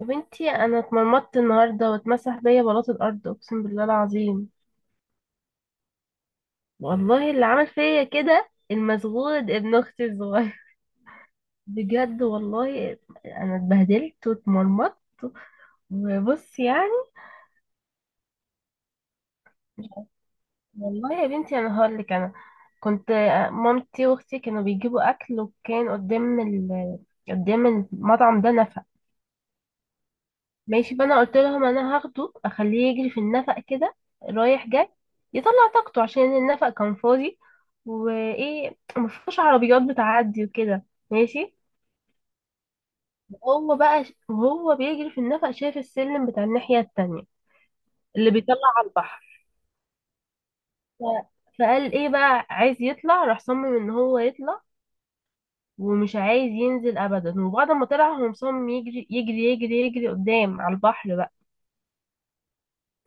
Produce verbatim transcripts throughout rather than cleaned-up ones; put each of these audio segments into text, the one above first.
يا بنتي، انا اتمرمطت النهارده واتمسح بيا بلاط الارض، اقسم بالله العظيم. والله اللي عمل فيا كده المسغود ابن اختي الصغير، بجد والله. انا اتبهدلت واتمرمطت وبص يعني. والله يا بنتي انا هقول لك، انا كنت مامتي واختي كانوا بيجيبوا اكل، وكان قدام ال... قدام المطعم ده نفق، ماشي. فانا قلت لهم انا هاخده اخليه يجري في النفق كده، رايح جاي، يطلع طاقته، عشان النفق كان فاضي وايه، مفيش عربيات بتعدي وكده، ماشي. وهو بقى ش- وهو بيجري في النفق شايف السلم بتاع الناحية التانية اللي بيطلع على البحر. ف... فقال ايه بقى، عايز يطلع، راح صمم ان هو يطلع ومش عايز ينزل ابدا. وبعد ما طلع هو مصمم يجري يجري يجري يجري قدام على البحر بقى،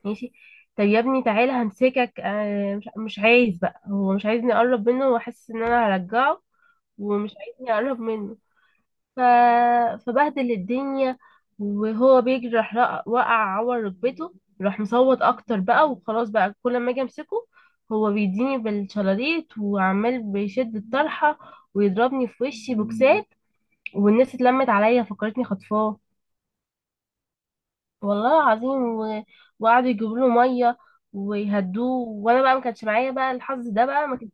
ماشي. طب يا ابني تعالى همسكك، آه، مش مش عايز بقى، هو مش عايزني اقرب منه وحاسس ان انا هرجعه، ومش عايزني اقرب منه. ف... فبهدل الدنيا. وهو بيجري راح رق- وقع عور ركبته، راح مصوت اكتر بقى. وخلاص بقى كل ما اجي امسكه هو بيديني بالشلاليت وعمال بيشد الطرحة ويضربني في وشي بوكسات، والناس اتلمت عليا فكرتني خطفاه، والله العظيم. و... وقعدوا يجيبوا له ميه ويهدوه، وانا بقى ما كانش معايا بقى الحظ ده بقى، ما كان...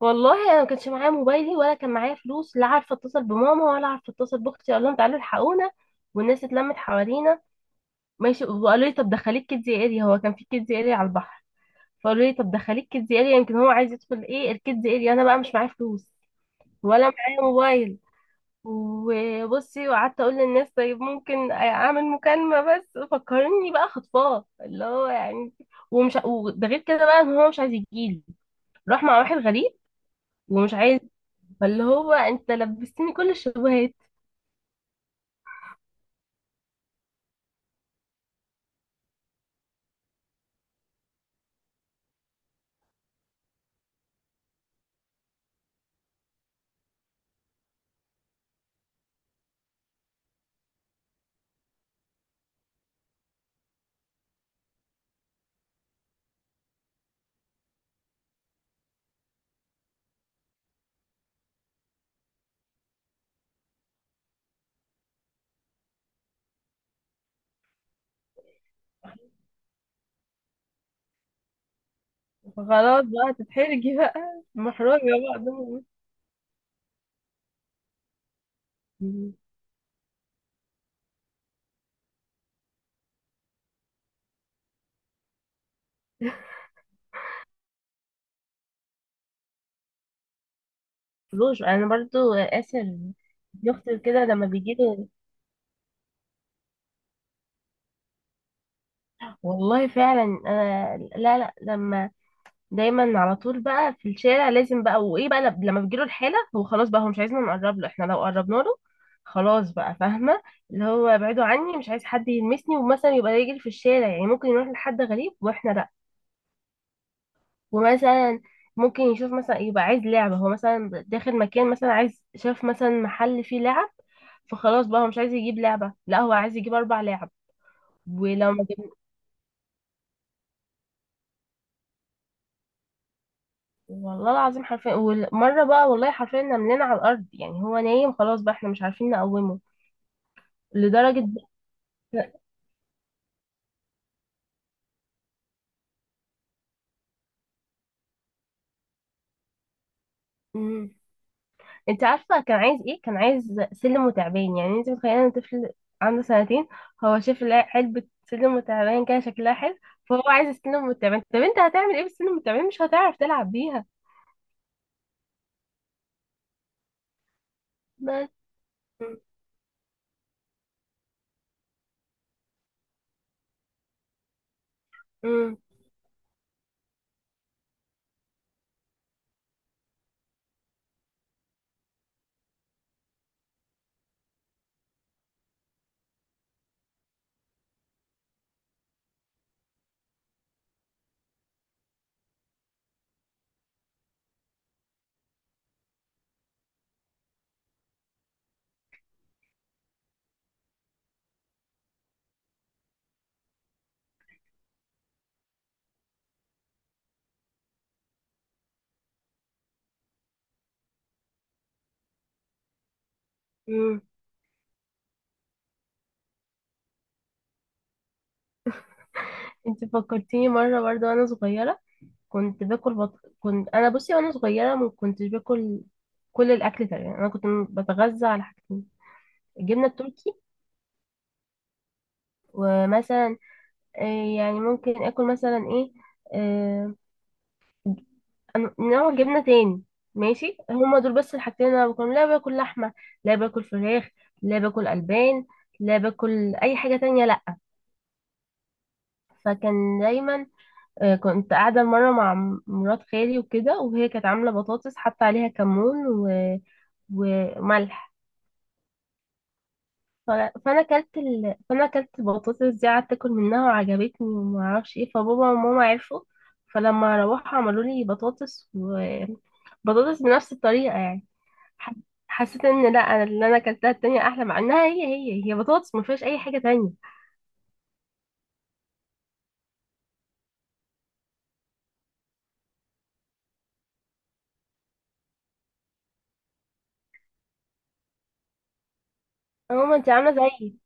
والله انا ما كانش معايا موبايلي ولا كان معايا فلوس، لا عارفه اتصل بماما ولا عارفه اتصل باختي اقول لهم تعالوا الحقونا. والناس اتلمت حوالينا، ماشي. وقالوا لي طب دخليك كيدز اريا، هو كان في كيدز اريا على البحر. فقالوا لي طب دخليك كيدز اريا، يمكن هو عايز يدخل. ايه الكيدز اريا، انا بقى مش معايا فلوس ولا معايا موبايل. وبصي، وقعدت اقول للناس طيب ممكن اعمل مكالمه، بس فكرني بقى خطفاه، اللي هو يعني، ومش وده غير كده بقى ان هو مش عايز يجيلي، راح مع واحد غريب ومش عايز، فاللي هو انت لبستني كل الشبهات، خلاص بقى تتحرجي بقى، محرجه بقى قدام الناس. فلوس انا برضو اسر يخطر كده لما بيجيلي. والله فعلا انا، لا لا لما دايما على طول بقى في الشارع، لازم بقى وايه بقى، لب- لما بتجيله الحالة هو خلاص بقى، هو مش عايزنا نقرب له. احنا لو قربنا له، خلاص بقى، فاهمة؟ اللي هو ابعدوا عني، مش عايز حد يلمسني. ومثلا يبقى يجري في الشارع، يعني ممكن يروح لحد غريب واحنا لا. ومثلا ممكن يشوف، مثلا يبقى عايز لعبة، هو مثلا داخل مكان، مثلا عايز، شاف مثلا محل فيه لعب، فخلاص بقى هو مش عايز يجيب لعبة، لا هو عايز يجيب أربع لعب. ولو ما جبنا، والله العظيم حرفيا. ومرة بقى والله حرفيا نملنا على الأرض، يعني هو نايم خلاص بقى، احنا مش عارفين نقومه، لدرجة. مم. انت عارفة كان عايز ايه؟ كان عايز سلم وتعبان، يعني انت متخيلة ان طفل عنده سنتين هو شاف لا- علبة سلم وتعبان كده شكلها حلو، فهو عايز السلم والتعبان. طب انت هتعمل ايه بالسلم والتعبان، مش هتعرف تلعب بيها. بس. مم. مم. انت فكرتيني مرة برضه وانا صغيرة، كنت باكل بط... كنت انا بصي وانا صغيرة ما كنتش باكل كل الاكل تقريبا. انا كنت بتغذى على حاجتين، الجبنة التركي، ومثلا، آه، يعني ممكن اكل مثلا ايه، آه، أنا- نوع جبنه تاني، ماشي. هما دول بس الحاجتين اللي انا باكلهم، لا باكل لحمه، لا باكل فراخ، لا باكل البان، لا باكل اي حاجه تانية، لا. فكان دايما، آه، كنت قاعده مره مع مرات خالي وكده، وهي كانت عامله بطاطس حاطه عليها كمون و... وملح. ف- فانا اكلت ال... فانا اكلت البطاطس دي، قعدت اكل منها وعجبتني وما اعرفش ايه، فبابا وماما عرفوا، فلما روحوا عملوا لي بطاطس، وبطاطس بنفس الطريقه يعني، ح- حسيت ان لا، أنا اللي انا اكلتها التانية احلى، مع انها هي هي هي بطاطس ما فيهاش اي حاجه تانية. آه، ماما انت عامله زيي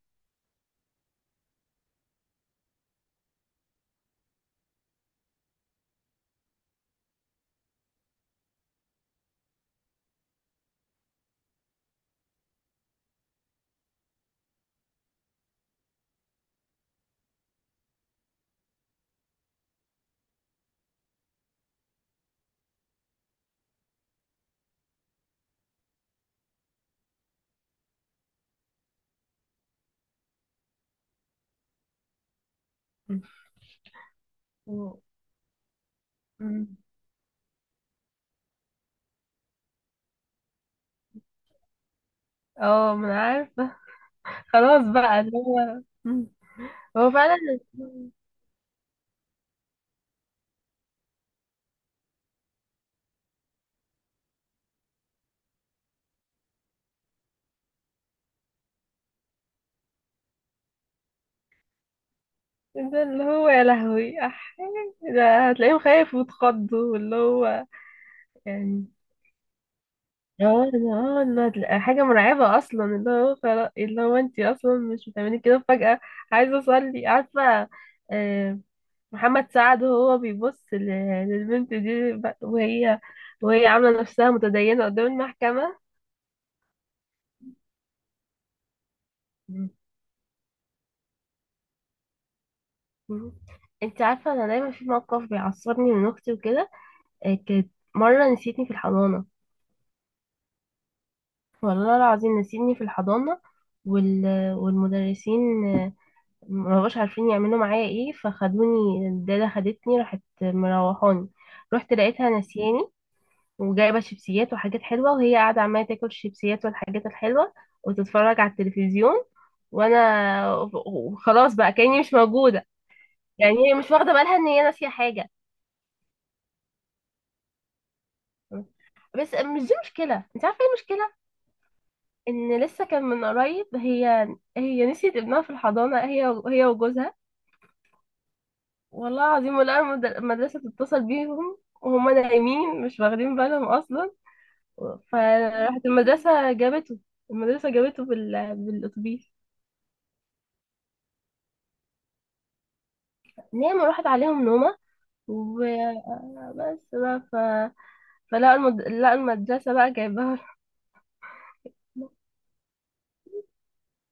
و- مم. اه ما انا عارفه. خلاص بقى اللي هو. مم. هو فعلا ده اللي هو، يا لهوي. أح... ده هتلاقيهم خايف وتخضوا، واللي هو يعني. هو ده هو ده، اه ده حاجة مرعبة أصلا، اللي هو خلاص اللي هو، أنت أصلا مش بتعملي كده فجأة عايزة أصلي، عارفة؟ آه، محمد سعد وهو بيبص ل- للبنت دي ب- وهي، وهي عاملة نفسها متدينة قدام المحكمة. مم. مم. أنت عارفة أنا دايما في موقف بيعصبني من أختي وكده، آه، كانت مرة نسيتني في الحضانة، والله العظيم نسيتني في الحضانة. وال... والمدرسين ما بقاش عارفين يعملوا معايا ايه، فخدوني الداده، خدتني راحت مروحاني، رحت لقيتها نسياني، وجايبه شيبسيات وحاجات حلوه، وهي قاعده عماله تاكل الشيبسيات والحاجات الحلوه وتتفرج على التلفزيون، وانا، وخلاص بقى كاني مش موجوده. يعني هي مش واخده بالها ان هي ناسيه حاجه. بس مش دي مشكله، انت عارفه ايه المشكله؟ ان لسه كان من قريب هي هي نسيت ابنها في الحضانه، هي هي وجوزها، والله العظيم. ولا المد- المدرسة تتصل بيهم وهما نايمين مش واخدين بالهم أصلا. فراحت المدرسة جابته، المدرسة جابته بال... بالأتوبيس. نام وراحت عليهم نومة، وبس بقى. ف... فلقوا المد... لقوا المدرسة بقى جايباها.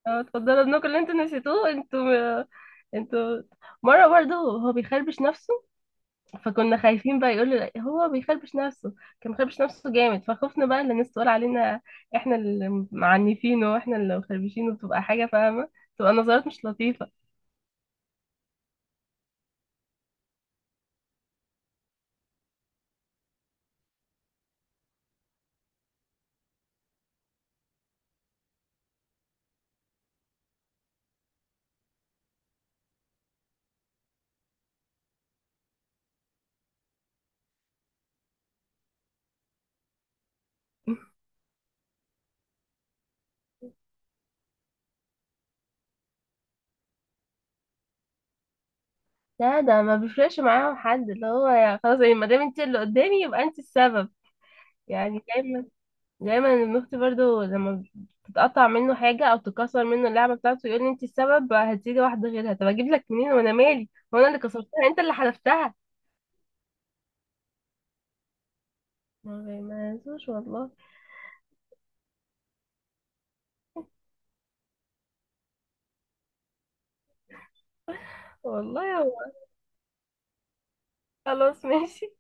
اه، اتفضلوا ابنكم اللي انتوا نسيتوه انتوا، انتوا. مرة برضه هو بيخربش نفسه، فكنا خايفين بقى يقول له هو بيخربش نفسه، كان بيخربش نفسه جامد، فخفنا بقى ان الناس تقول علينا احنا اللي معنفينه واحنا اللي مخربشينه، بتبقى حاجه فاهمه، تبقى نظرات مش لطيفه. لا ده ما بيفرقش معاهم حد، اللي هو يعني خلاص، يعني ما دام انت اللي قدامي يبقى انت السبب، يعني دايما. دايما ابن اختي برضو لما تتقطع منه حاجه او تكسر منه اللعبه بتاعته يقول لي انت السبب، هتيجي واحده غيرها، طب اجيب لك منين، وانا مالي، هو انا اللي كسرتها، انت اللي حلفتها. ما بيميزوش والله. والله خلاص ماشي.